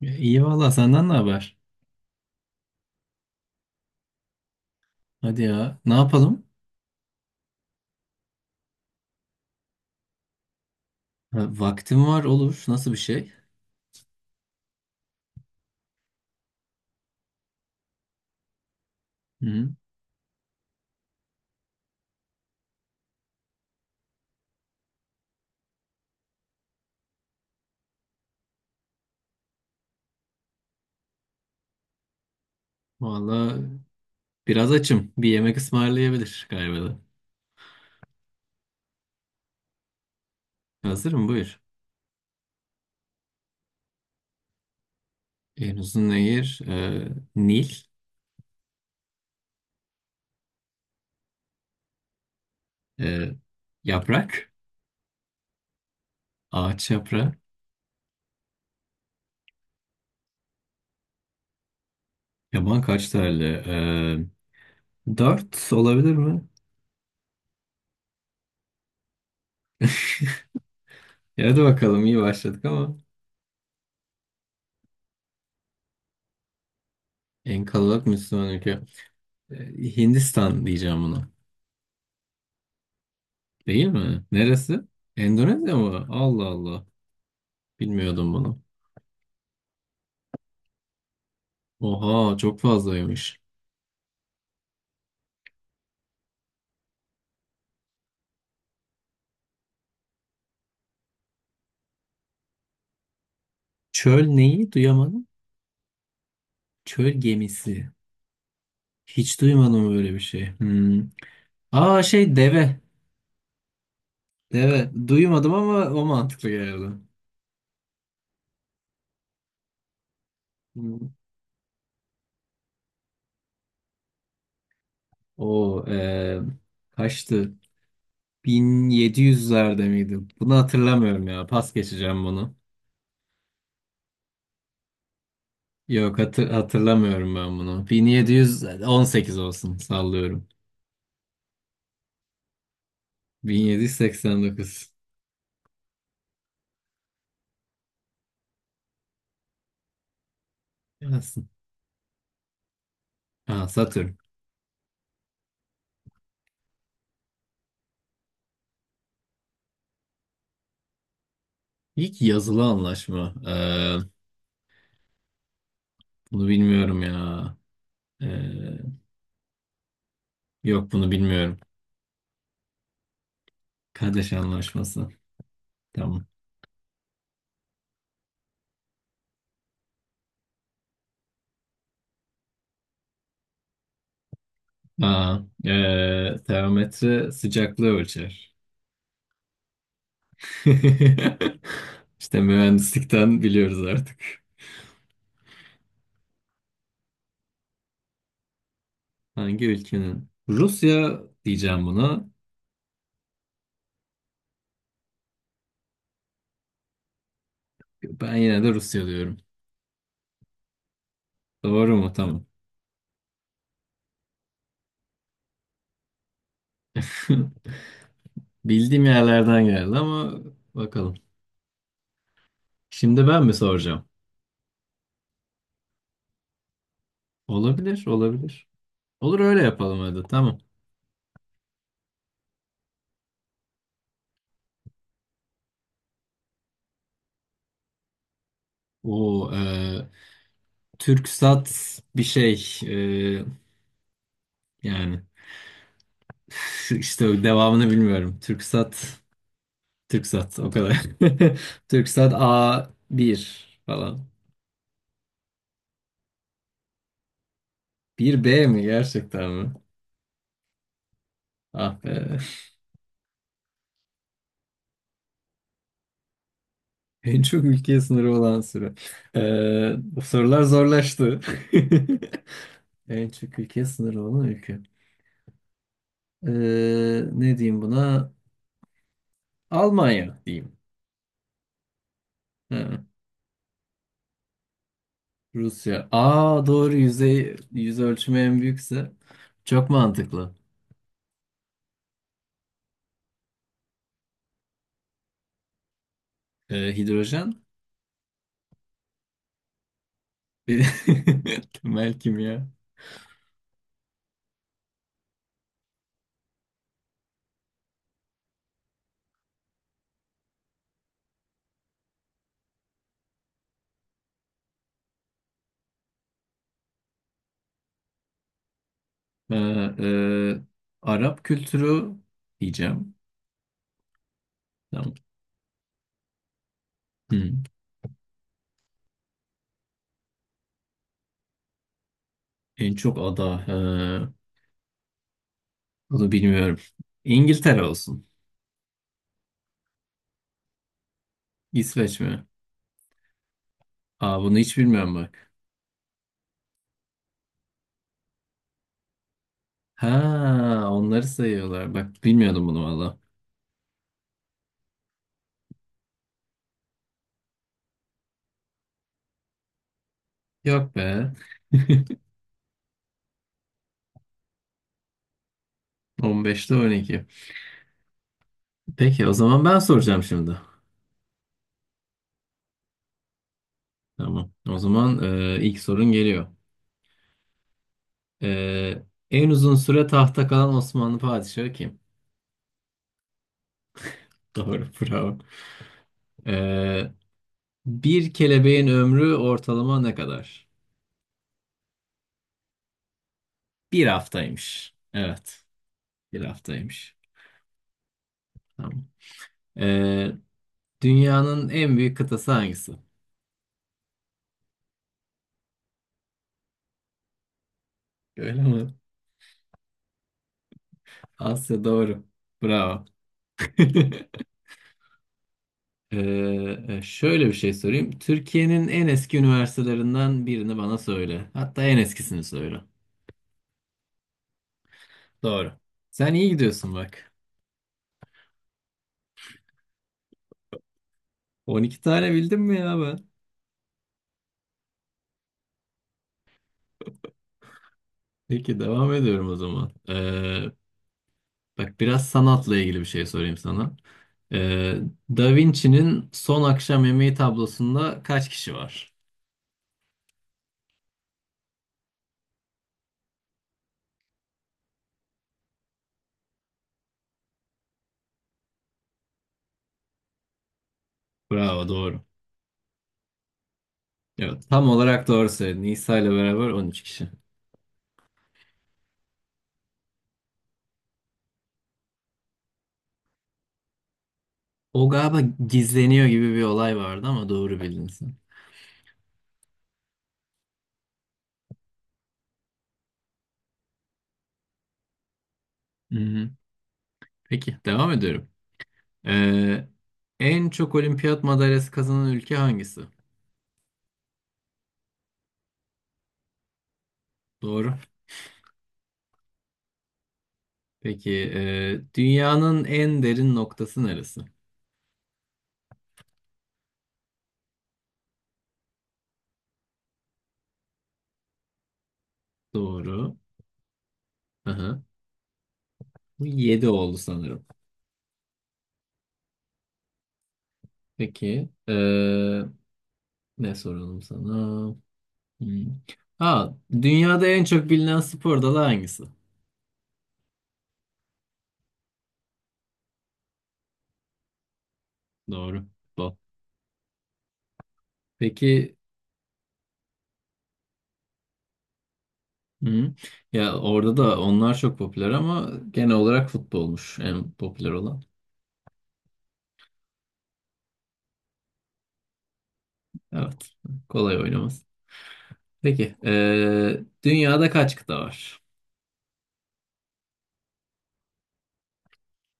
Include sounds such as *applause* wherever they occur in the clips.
Ya İyi valla, senden ne haber? Hadi ya, ne yapalım? Ha, vaktim var, olur. Nasıl bir şey? Hı. Valla biraz açım. Bir yemek ısmarlayabilir galiba da. Hazırım, buyur. En uzun nehir Nil. E, Yaprak. Ağaç yaprağı. Yaban kaç tane? Dört olabilir mi? Ya hadi bakalım, iyi başladık ama. En kalabalık Müslüman ülke. E, Hindistan diyeceğim buna. Değil mi? Neresi? Endonezya mı? Allah Allah. Bilmiyordum bunu. Oha çok fazlaymış. Çöl neyi? Duyamadım. Çöl gemisi. Hiç duymadım böyle bir şey. Hmm. Aa, şey, deve. Deve. Duymadım ama o mantıklı geldi. Hmm. O kaçtı? 1700'lerde miydi? Bunu hatırlamıyorum ya. Pas geçeceğim bunu. Yok, hatırlamıyorum ben bunu. 1718 olsun, sallıyorum. 1789. Gelsin. Aa, Satürn. İlk yazılı anlaşma. Bunu bilmiyorum ya. Ee, Yok, bunu bilmiyorum. Kardeş anlaşması. Tamam. Aa, termometre sıcaklığı ölçer. *laughs* İşte mühendislikten biliyoruz artık. Hangi ülkenin? Rusya diyeceğim buna. Ben yine de Rusya diyorum. Doğru mu? Tamam. *laughs* Bildiğim yerlerden geldi ama bakalım. Şimdi ben mi soracağım? Olabilir, olabilir. Olur, öyle yapalım hadi. Tamam. O Türksat bir şey e, yani *laughs* işte devamını bilmiyorum. Türksat Türksat o kadar. *laughs* Türksat A1 falan. Bir b mi, gerçekten mi? Ah be. *laughs* En çok ülkeye sınırı olan süre. E, Bu sorular zorlaştı. *laughs* En çok ülkeye sınırı olan ülke. E, Ne diyeyim buna? Almanya diyeyim. Rusya. Aa, doğru, yüz ölçümü en büyükse çok mantıklı. Hidrojen, bir- *laughs* temel kimya. Ee, e, Arap kültürü diyeceğim. Tamam. Hı. En çok ada. Bunu bilmiyorum. İngiltere olsun. İsveç mi? Aa, bunu hiç bilmiyorum bak. Ha, onları sayıyorlar. Bak, bilmiyordum bunu valla. Yok be. *laughs* 15'te 12. Peki, o zaman ben soracağım şimdi. Tamam. O zaman, ilk sorun geliyor. E, En uzun süre tahta kalan Osmanlı padişahı kim? *laughs* Doğru, bravo. E, Bir kelebeğin ömrü ortalama ne kadar? Bir haftaymış. Evet, bir haftaymış. Tamam. E, Dünyanın en büyük kıtası hangisi? Öyle mi? Asya doğru. Bravo. *laughs* Ee, Şöyle bir şey sorayım. Türkiye'nin en eski üniversitelerinden birini bana söyle. Hatta en eskisini söyle. Doğru. Sen iyi gidiyorsun bak. 12 tane bildim mi ya ben? Peki, devam ediyorum o zaman. Bak, biraz sanatla ilgili bir şey sorayım sana. Ee, Da Vinci'nin Son Akşam Yemeği tablosunda kaç kişi var? Bravo, doğru. Evet, tam olarak doğru söyledin. İsa ile beraber 13 kişi. O galiba gizleniyor gibi bir olay vardı ama doğru bildin sen. Hı hı. Peki, devam ediyorum. Ee, En çok olimpiyat madalyası kazanan ülke hangisi? Doğru. Peki, dünyanın en derin noktası neresi? Doğru. Aha. Bu 7 oldu sanırım. Peki, ne soralım sana? Hmm. Ha, dünyada en çok bilinen spor dalı hangisi? Doğru. Futbol. Peki, hı. Ya orada da onlar çok popüler ama genel olarak futbolmuş en popüler olan. Evet, kolay oynaması. Peki. Dünyada kaç kıta var?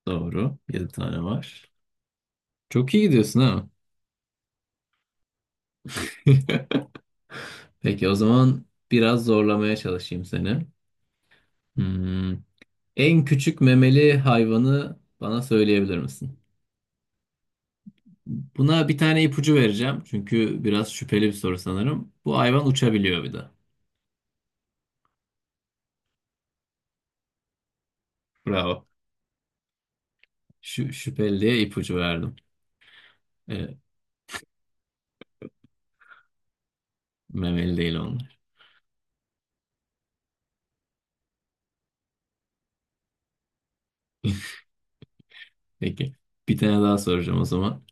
Doğru. Yedi tane var. Çok iyi gidiyorsun ha. *laughs* Peki, o zaman biraz zorlamaya çalışayım seni. Hmm, En küçük memeli hayvanı bana söyleyebilir misin? Buna bir tane ipucu vereceğim. Çünkü biraz şüpheli bir soru sanırım. Bu hayvan uçabiliyor bir de. Bravo. Şüpheli diye ipucu verdim. Ee, Memeli değil onlar. Peki. Bir tane daha soracağım o zaman.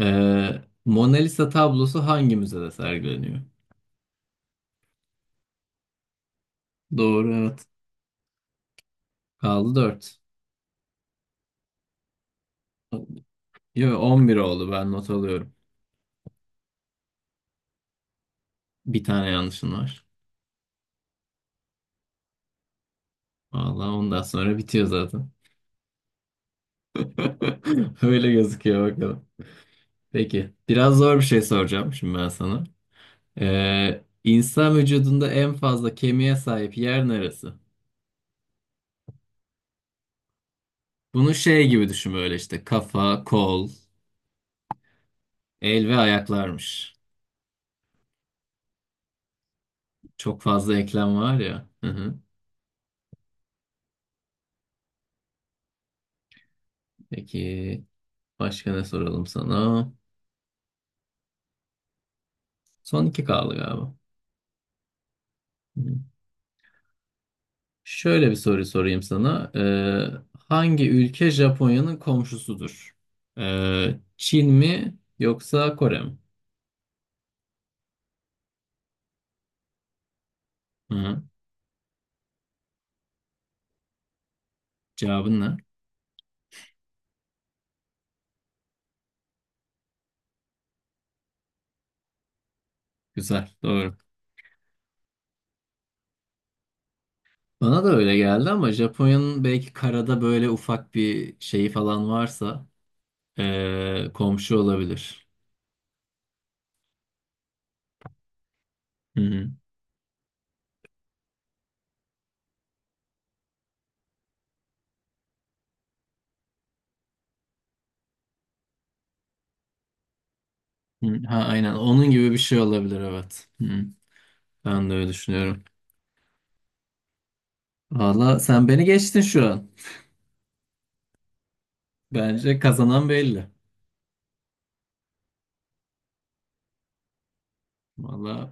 Mona Lisa tablosu hangi müzede sergileniyor? Doğru, evet. Kaldı 4. Yok, 11 oldu, ben not alıyorum. Bir tane yanlışın var. Vallahi ondan sonra bitiyor zaten. *laughs* Öyle gözüküyor bakalım. Peki, biraz zor bir şey soracağım şimdi ben sana. İnsan vücudunda en fazla kemiğe sahip yer neresi? Bunu şey gibi düşün, böyle işte kafa, kol, el ve ayaklarmış. Çok fazla eklem var ya. Hı hı. Peki. Başka ne soralım sana? Son iki kaldı galiba. Hı. Şöyle bir soru sorayım sana. Hangi ülke Japonya'nın komşusudur? Çin mi yoksa Kore mi? Hı. Hı. Cevabın ne? Güzel, doğru. Bana da öyle geldi ama Japonya'nın belki karada böyle ufak bir şeyi falan varsa komşu olabilir. Hı hı. Hı, ha, aynen onun gibi bir şey olabilir, evet. Hı. Ben de öyle düşünüyorum. Valla sen beni geçtin şu an. Bence kazanan belli. Vallahi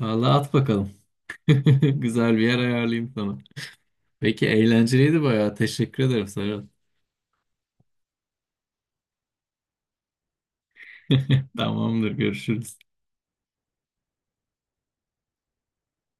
vallahi at bakalım. *laughs* Güzel bir yer ayarlayayım sana. Peki, eğlenceliydi bayağı. Teşekkür ederim, Serhat. *laughs* Tamamdır, görüşürüz.